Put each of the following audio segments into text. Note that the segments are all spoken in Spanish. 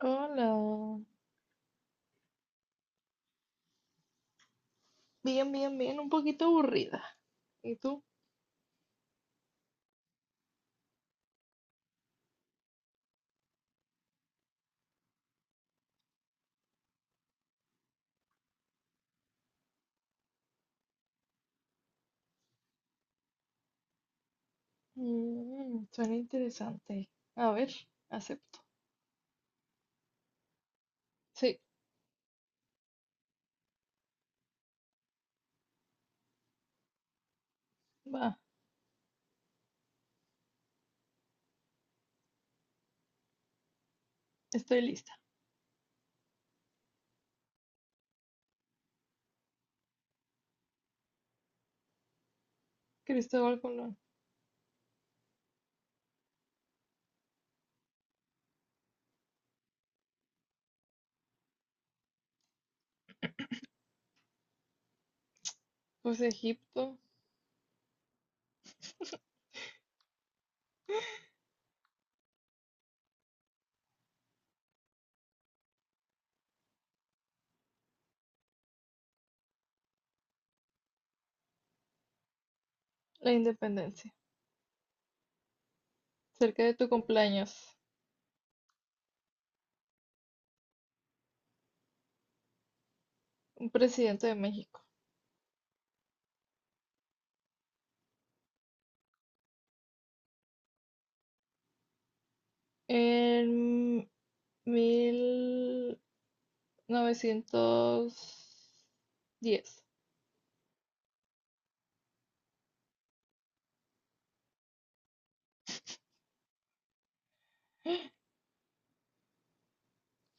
Hola, bien, bien, bien, un poquito aburrida. ¿Y tú? Suena interesante. A ver, acepto. Sí, va, estoy lista. Cristóbal Colón, pues Egipto. La independencia. Cerca de tu cumpleaños, un presidente de México. En 1910.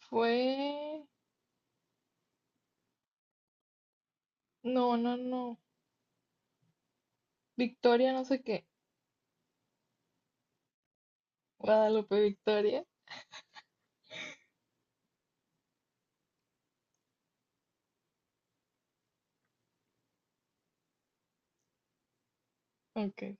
Fue... No, no, no. Victoria, no sé qué. Guadalupe Victoria. Ok.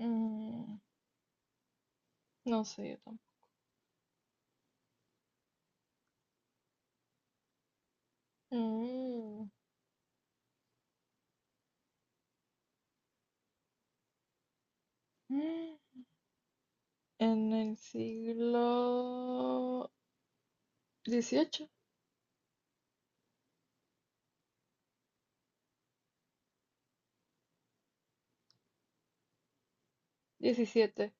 Mm, no sé, yo tampoco. Mm, mm, en el siglo XVIII, XVII.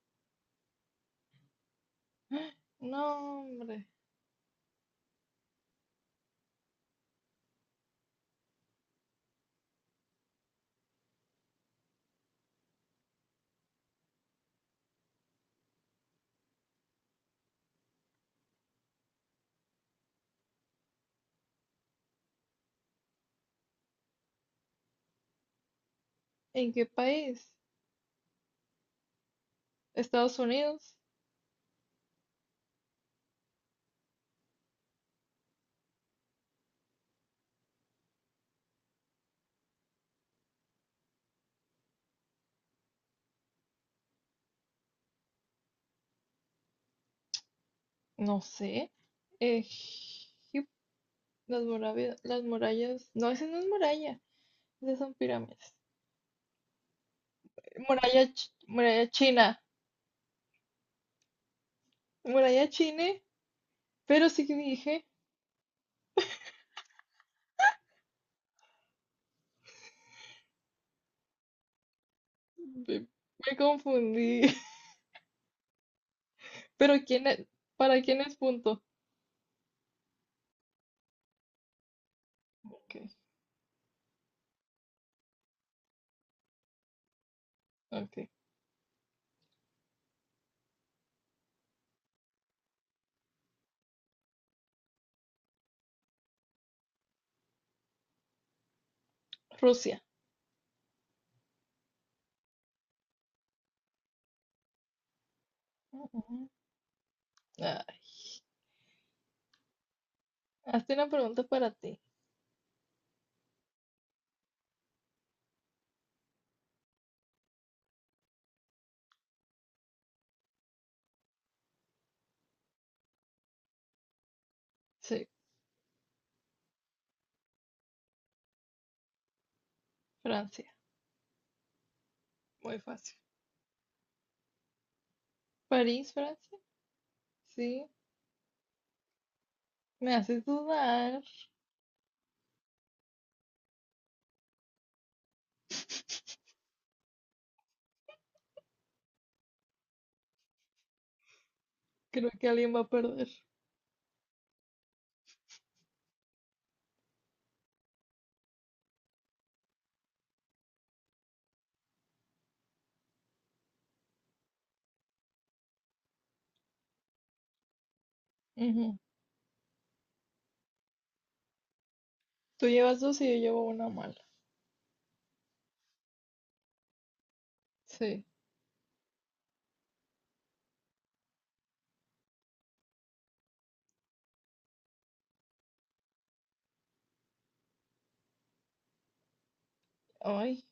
No, hombre. ¿En qué país? ¿Estados Unidos? No sé. Egipto, las murallas, las murallas. No, esa no es muralla. Esas son pirámides. Muralla, muralla china. Muralla china. Pero sí que dije. Me confundí. Pero quién es, ¿para quién es punto? Ok. Ok. Rusia. Ujú. Ay, hazte una pregunta para ti. Sí, Francia. Muy fácil. París, Francia. Sí. Me haces dudar. Creo que alguien va a perder. Ujú. Tú llevas dos y yo llevo una mala. Sí. Ay,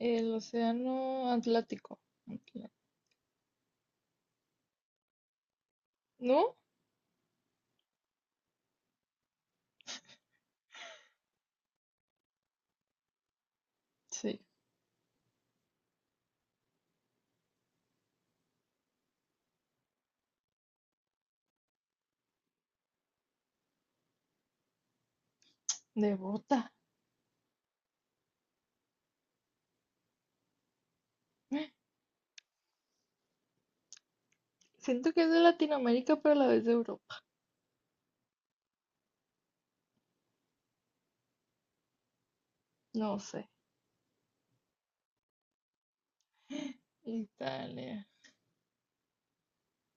el océano Atlántico. Atla- ¿No? Sí. De bota. Siento que es de Latinoamérica, pero a la vez de Europa. No sé. Italia.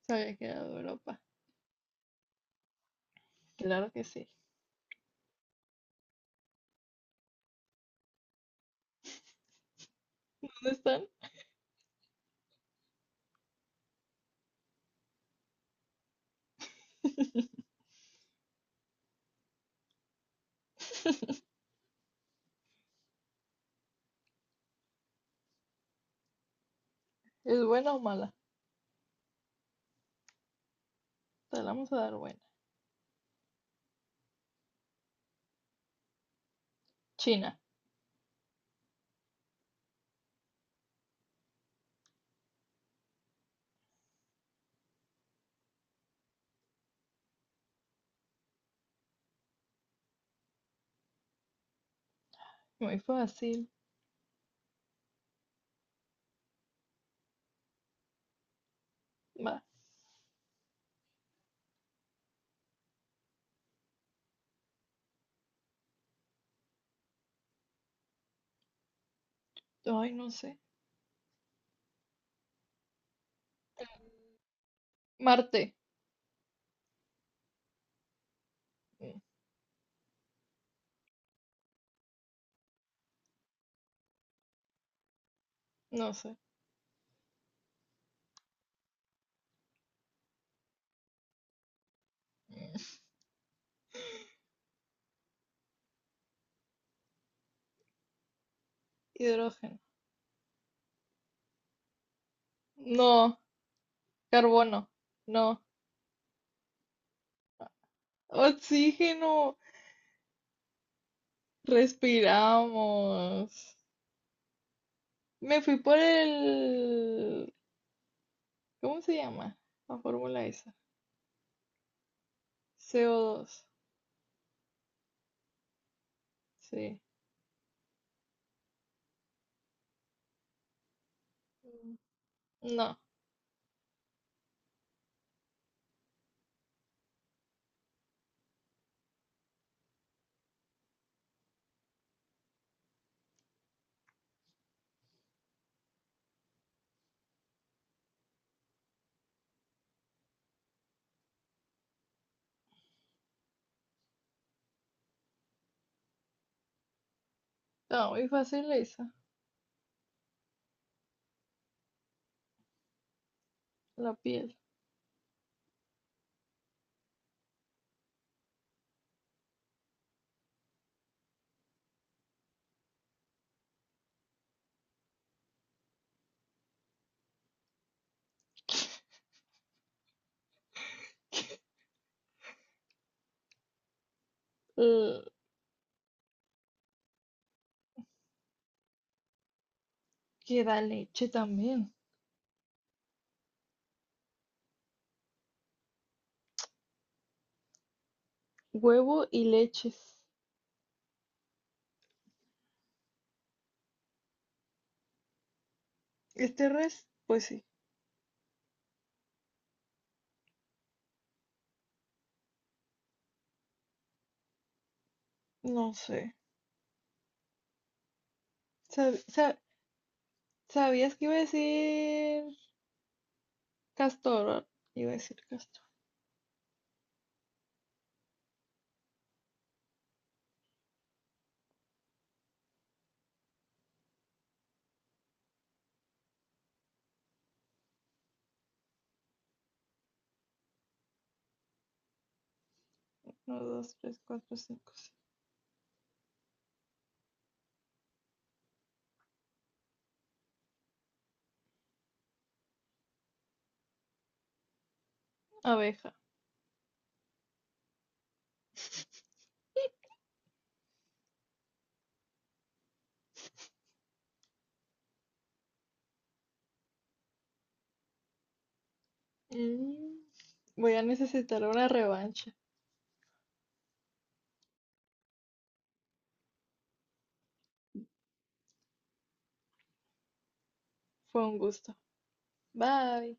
Sabía que era de Europa. Claro que sí. ¿Dónde están? ¿Es buena o mala? Te la vamos a dar buena. China. Muy fácil. Va. Ay, no sé. Marte. Mm. No sé. Hidrógeno. No. Carbono. No. Oxígeno. Respiramos. Me fui por el... ¿Cómo se llama? La fórmula esa. CO2. Sí. Mm. No. No, muy fácil esa. La piel. Eh, que da leche también. Huevo y leches. Este res, pues sí, no sé. Sab- sa- ¿Sabías que iba a decir castor? ¿Va? Iba a decir castor. Uno, dos, tres, cuatro, cinco, seis. Abeja. Mm, Voy a necesitar una revancha. Fue un gusto. Bye.